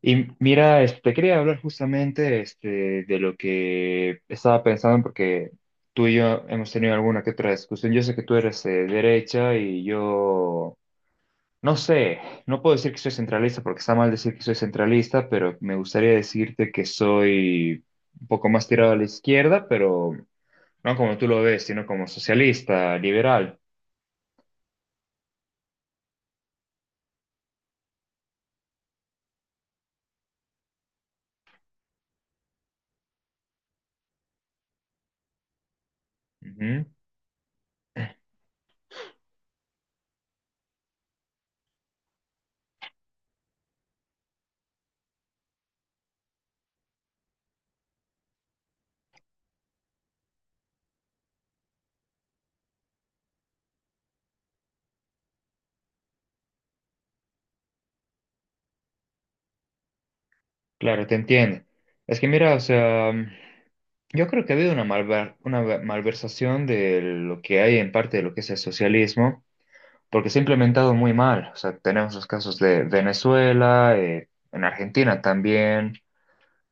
Y mira, te quería hablar justamente de lo que estaba pensando, porque tú y yo hemos tenido alguna que otra discusión. Yo sé que tú eres derecha y yo, no sé, no puedo decir que soy centralista porque está mal decir que soy centralista, pero me gustaría decirte que soy un poco más tirado a la izquierda, pero no como tú lo ves, sino como socialista, liberal. Ujú. Claro, te entiendo. Es que mira, o sea. Yo creo que ha habido una malversación de lo que hay en parte de lo que es el socialismo, porque se ha implementado muy mal. O sea, tenemos los casos de Venezuela, en Argentina también,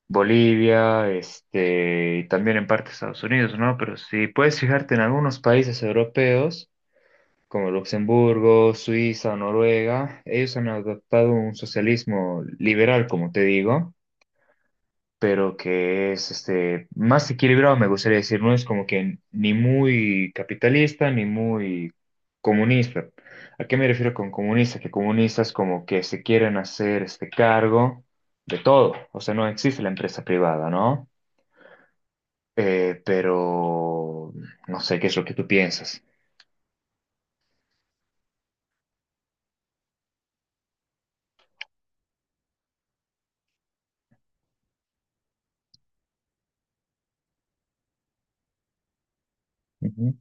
Bolivia, y también en parte Estados Unidos, ¿no? Pero si puedes fijarte en algunos países europeos, como Luxemburgo, Suiza, o Noruega, ellos han adoptado un socialismo liberal, como te digo, pero que es más equilibrado, me gustaría decir, no es como que ni muy capitalista ni muy comunista. ¿A qué me refiero con comunista? Que comunistas como que se quieren hacer cargo de todo, o sea, no existe la empresa privada, ¿no? Pero no sé qué es lo que tú piensas. Ujú.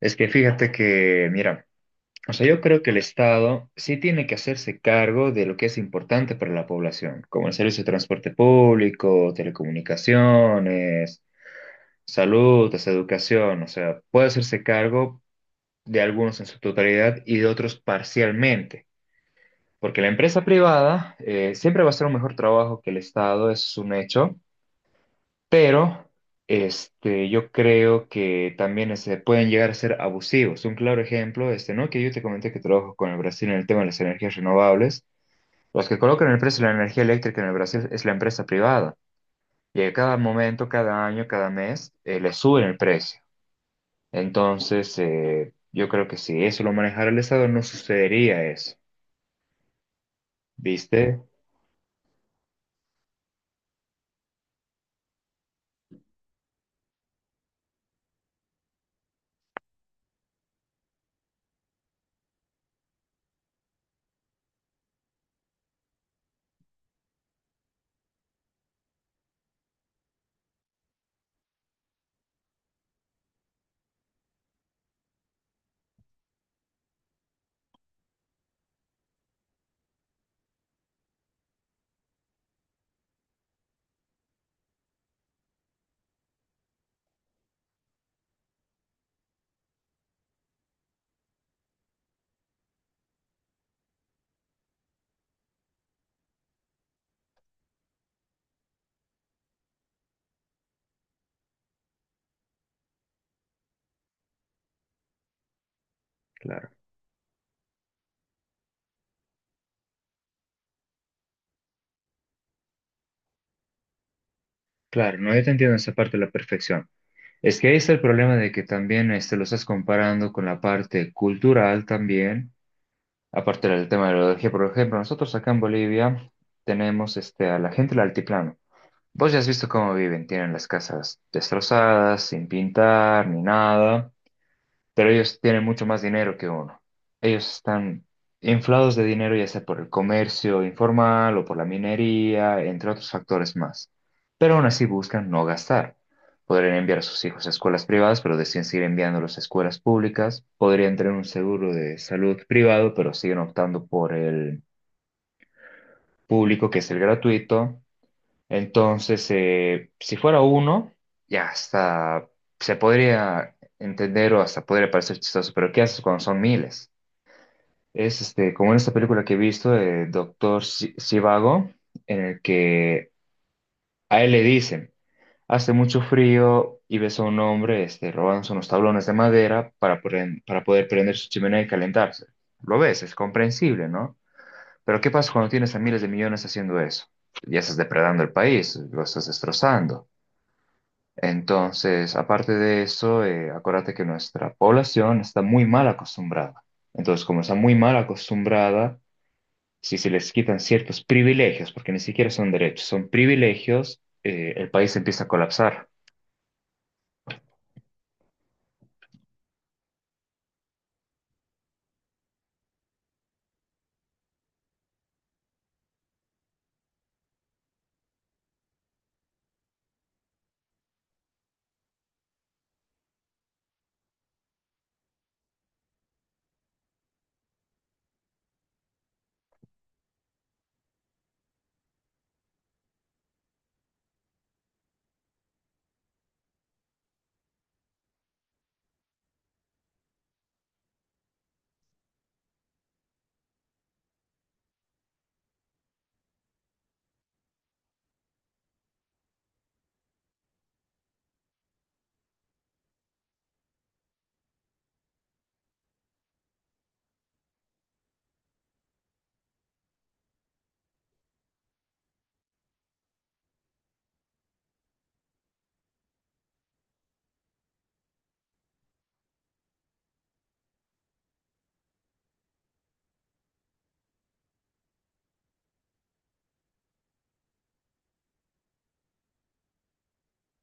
Es que fíjate que, mira, o sea, yo creo que el Estado sí tiene que hacerse cargo de lo que es importante para la población, como el servicio de transporte público, telecomunicaciones, salud, educación. O sea, puede hacerse cargo de algunos en su totalidad y de otros parcialmente. Porque la empresa privada siempre va a hacer un mejor trabajo que el Estado, eso es un hecho, pero yo creo que también se pueden llegar a ser abusivos. Un claro ejemplo, ¿no? Que yo te comenté que trabajo con el Brasil en el tema de las energías renovables. Los que colocan el precio de la energía eléctrica en el Brasil es la empresa privada. Y a cada momento, cada año, cada mes, le suben el precio. Entonces, yo creo que si eso lo manejara el Estado, no sucedería eso. ¿Viste? Claro. Claro, no, yo te entiendo esa parte de la perfección. Es que ahí está el problema de que también lo estás comparando con la parte cultural también, aparte del tema de la ideología. Por ejemplo, nosotros acá en Bolivia tenemos a la gente del altiplano. Vos ya has visto cómo viven, tienen las casas destrozadas, sin pintar ni nada, pero ellos tienen mucho más dinero que uno. Ellos están inflados de dinero, ya sea por el comercio informal o por la minería, entre otros factores más. Pero aún así buscan no gastar. Podrían enviar a sus hijos a escuelas privadas, pero deciden seguir enviándolos a escuelas públicas. Podrían tener un seguro de salud privado, pero siguen optando por el público, que es el gratuito. Entonces, si fuera uno, ya hasta se podría entender o hasta podría parecer chistoso, pero ¿qué haces cuando son miles? Es como en esta película que he visto, de Doctor Sivago, en el que a él le dicen, hace mucho frío y ves a un hombre robándose unos tablones de madera para poder prender su chimenea y calentarse. Lo ves, es comprensible, ¿no? Pero ¿qué pasa cuando tienes a miles de millones haciendo eso? Ya estás depredando el país, lo estás destrozando. Entonces, aparte de eso, acuérdate que nuestra población está muy mal acostumbrada. Entonces, como está muy mal acostumbrada, si se les quitan ciertos privilegios, porque ni siquiera son derechos, son privilegios, el país empieza a colapsar.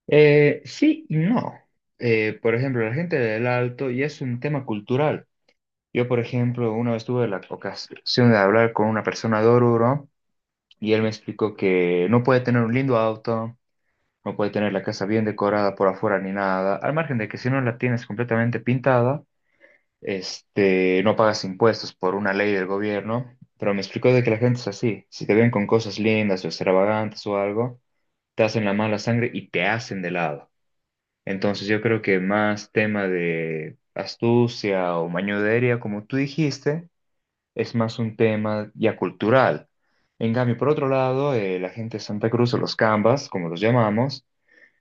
Sí y no. Por ejemplo, la gente del Alto ya es un tema cultural. Yo, por ejemplo, una vez tuve la ocasión de hablar con una persona de Oruro y él me explicó que no puede tener un lindo auto. No puede tener la casa bien decorada por afuera ni nada. Al margen de que si no la tienes completamente pintada, no pagas impuestos por una ley del gobierno. Pero me explicó de que la gente es así. Si te ven con cosas lindas o extravagantes o algo, te hacen la mala sangre y te hacen de lado. Entonces yo creo que más tema de astucia o mañodería, como tú dijiste, es más un tema ya cultural. En cambio, por otro lado, la gente de Santa Cruz o los cambas, como los llamamos,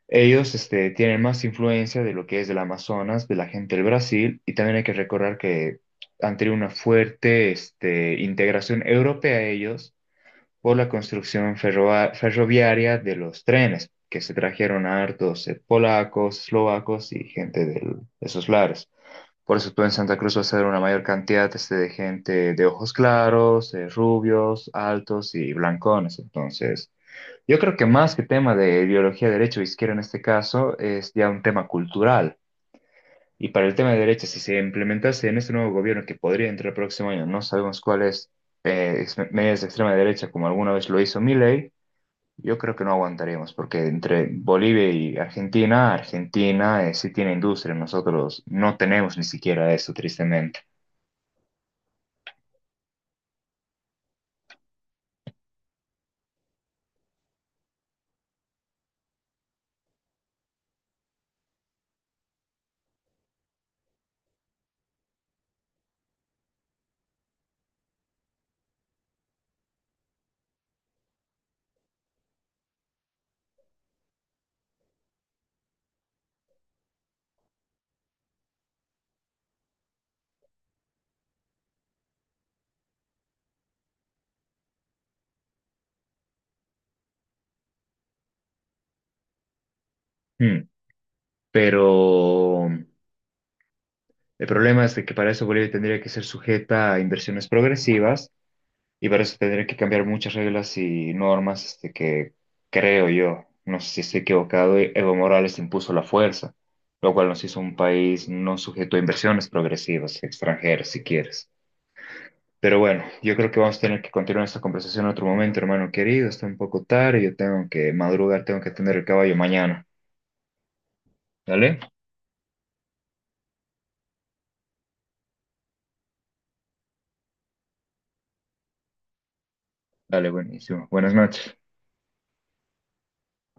ellos tienen más influencia de lo que es del Amazonas, de la gente del Brasil, y también hay que recordar que han tenido una fuerte integración europea ellos, por la construcción ferroviaria de los trenes, que se trajeron a hartos polacos, eslovacos y gente de esos lares. Por eso tú en Santa Cruz vas a ver una mayor cantidad de gente de ojos claros, rubios, altos y blancones. Entonces, yo creo que más que tema de ideología de derecha o izquierda en este caso, es ya un tema cultural. Y para el tema de derecha, si se implementase en este nuevo gobierno que podría entrar el próximo año, no sabemos cuáles medidas de extrema derecha, como alguna vez lo hizo Milei, yo creo que no aguantaríamos, porque entre Bolivia y Argentina, Argentina sí tiene industria, nosotros no tenemos ni siquiera eso, tristemente. Hmm. Pero el problema es de que para eso Bolivia tendría que ser sujeta a inversiones progresivas. Y para eso tendría que cambiar muchas reglas y normas que creo yo, no sé si estoy equivocado, Evo Morales impuso la fuerza, lo cual nos hizo un país no sujeto a inversiones progresivas extranjeras, si quieres. Pero bueno, yo creo que vamos a tener que continuar esta conversación en otro momento, hermano querido. Está un poco tarde, yo tengo que madrugar, tengo que atender el caballo mañana. ¿Dale? Dale, buenísimo. Buenas noches.